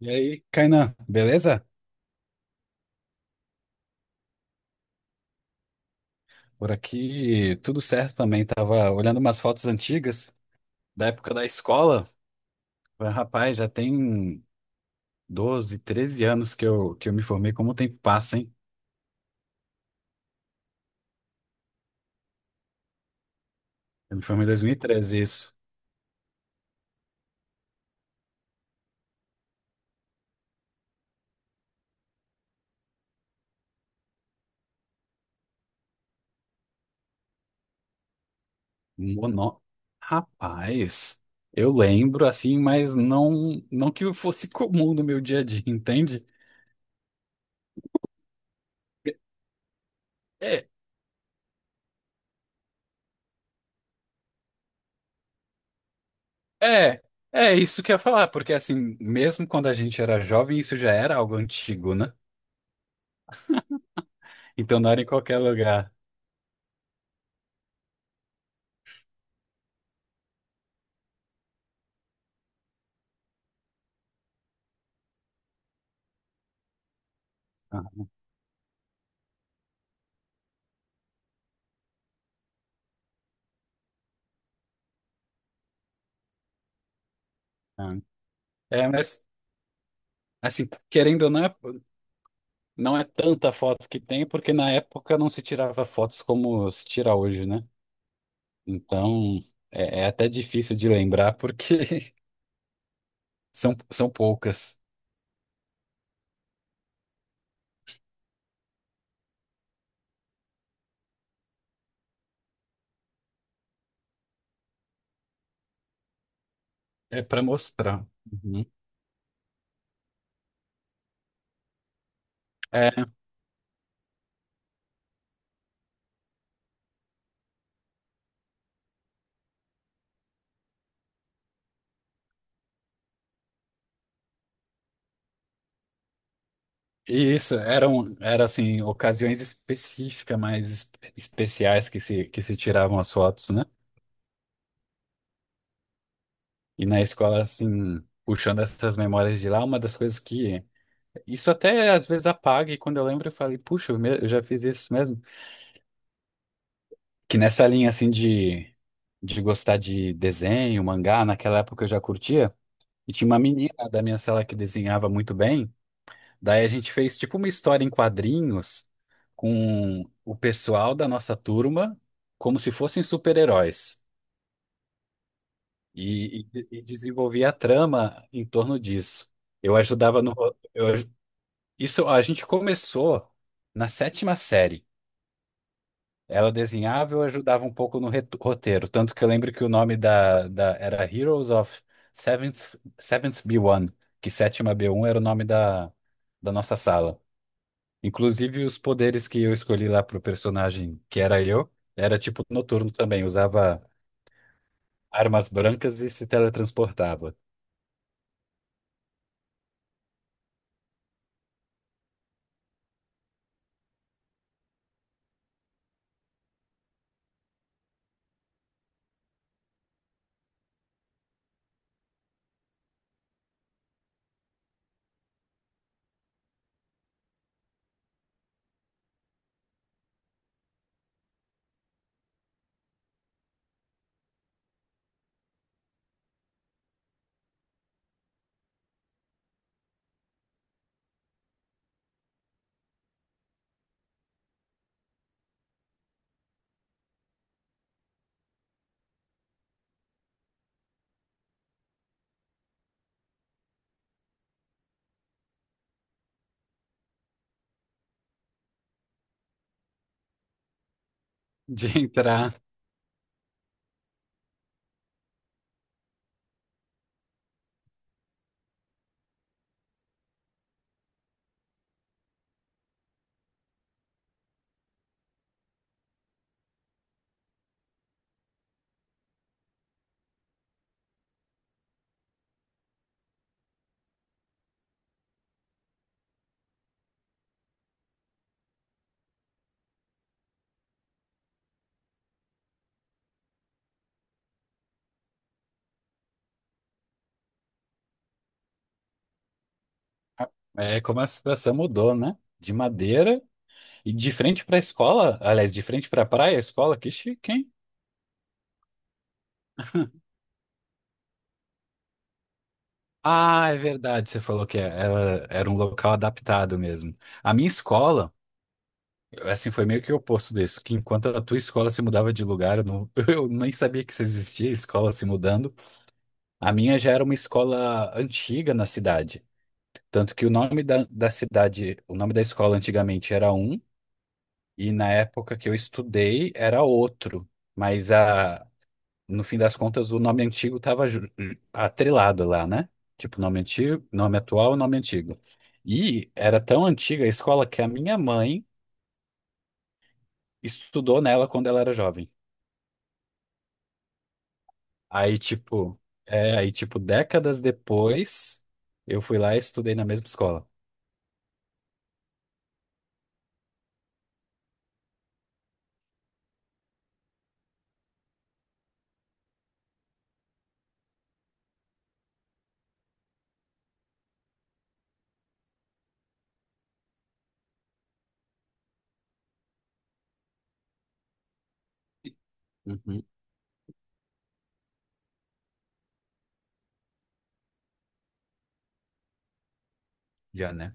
E aí, Kainan, beleza? Por aqui tudo certo também. Tava olhando umas fotos antigas da época da escola. Mas, Rapaz, já tem 12, 13 anos que eu me formei. Como o tempo passa, hein? Eu me formei em 2013, isso. Mono... Rapaz, eu lembro assim, mas não que fosse comum no meu dia a dia, entende? É, é, É isso que eu ia falar, porque assim, mesmo quando a gente era jovem, isso já era algo antigo, né? Então não era em qualquer lugar. Ah, é, mas assim, querendo ou não, não é tanta foto que tem, porque na época não se tirava fotos como se tira hoje, né? Então é até difícil de lembrar porque são poucas. É para mostrar. Uhum. É, e isso eram assim ocasiões específicas, mais especiais que se tiravam as fotos, né? E na escola assim, puxando essas memórias de lá, uma das coisas. Que Isso até às vezes apaga, e quando eu lembro, eu falei, puxa, eu já fiz isso mesmo. Que nessa linha assim de gostar de desenho, mangá, naquela época eu já curtia, e tinha uma menina da minha sala que desenhava muito bem. Daí a gente fez tipo uma história em quadrinhos com o pessoal da nossa turma, como se fossem super-heróis, e desenvolvia a trama em torno disso. Eu ajudava no. ro- Eu, aj- isso a gente começou na sétima série. Ela desenhava e eu ajudava um pouco no roteiro. Tanto que eu lembro que o nome da era Heroes of Seventh B1, que 7B1 era o nome da nossa sala. Inclusive, os poderes que eu escolhi lá pro personagem, que era eu, era tipo noturno também. Usava armas brancas e se teletransportava. De entrar, é como a situação mudou, né? De madeira e de frente para a escola, aliás, de frente para a praia, a escola, que chique, hein? Ah, é verdade, você falou que ela era um local adaptado mesmo. A minha escola, assim, foi meio que o oposto disso, que enquanto a tua escola se mudava de lugar, eu, não, eu nem sabia que isso existia, escola se mudando. A minha já era uma escola antiga na cidade, tanto que o nome da cidade, o nome da escola antigamente era um, e na época que eu estudei era outro, mas a no fim das contas, o nome antigo estava atrelado lá, né? Tipo, nome antigo, nome atual, nome antigo. E era tão antiga a escola que a minha mãe estudou nela quando ela era jovem. Aí, tipo, décadas depois, eu fui lá e estudei na mesma escola. Uhum, já, né?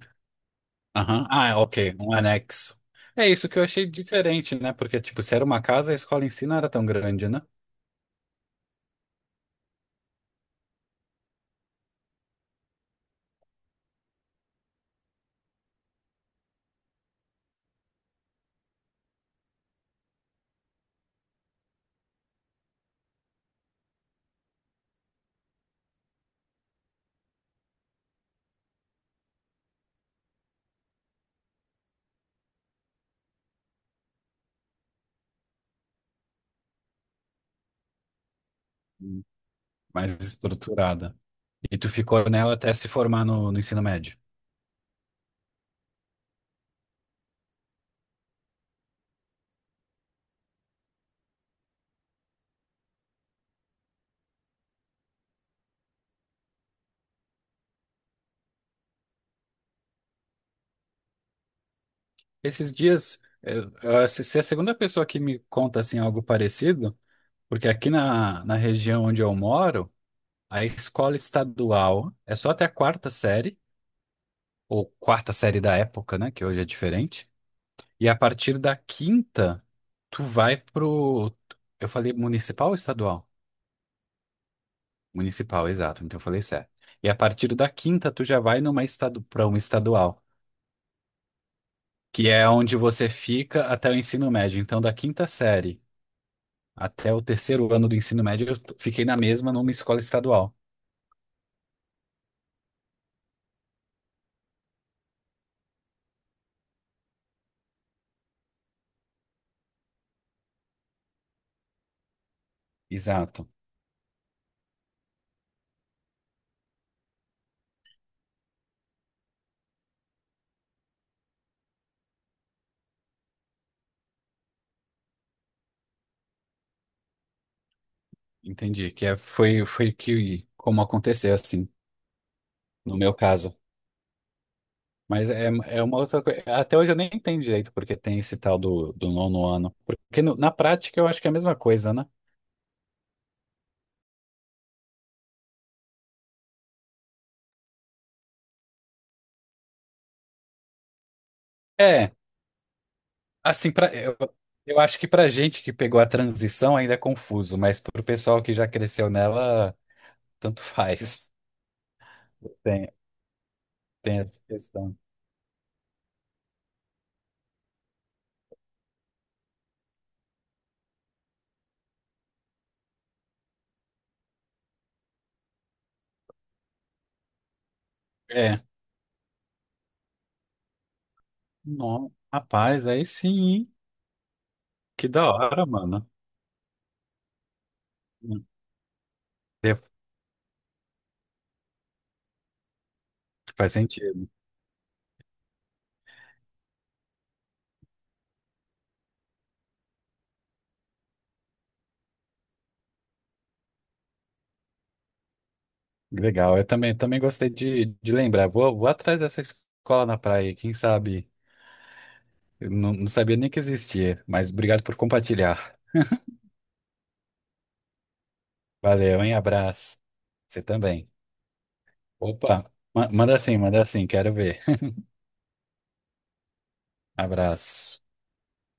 Aham. Ah, é, ok, um anexo. É isso que eu achei diferente, né? Porque, tipo, se era uma casa, a escola em si não era tão grande, né? Hum. Mais estruturada. E tu ficou nela até se formar no ensino médio. Esses dias, se é a segunda pessoa que me conta assim algo parecido, porque aqui na região onde eu moro, a escola estadual é só até a quarta série, ou quarta série da época, né, que hoje é diferente. E a partir da quinta, tu vai pro... Eu falei municipal ou estadual? Municipal, exato. Então eu falei certo. E a partir da quinta, tu já vai para uma estadual, que é onde você fica até o ensino médio. Então, da quinta série até o terceiro ano do ensino médio, fiquei na mesma numa escola estadual. Exato, entendi. Que é, foi que como aconteceu assim, no meu caso. Mas é uma outra coisa. Até hoje eu nem entendo direito porque tem esse tal do nono ano. Porque na prática eu acho que é a mesma coisa, né? É, assim, eu acho que pra gente que pegou a transição ainda é confuso, mas pro pessoal que já cresceu nela, tanto faz. Tem essa questão. É, não, rapaz, aí sim, hein? Que da hora, mano. É, faz sentido. Legal, eu também gostei de lembrar. Vou atrás dessa escola na praia, quem sabe? Eu não sabia nem que existia, mas obrigado por compartilhar. Valeu, hein? Abraço. Você também. Opa, manda assim, quero ver. Abraço.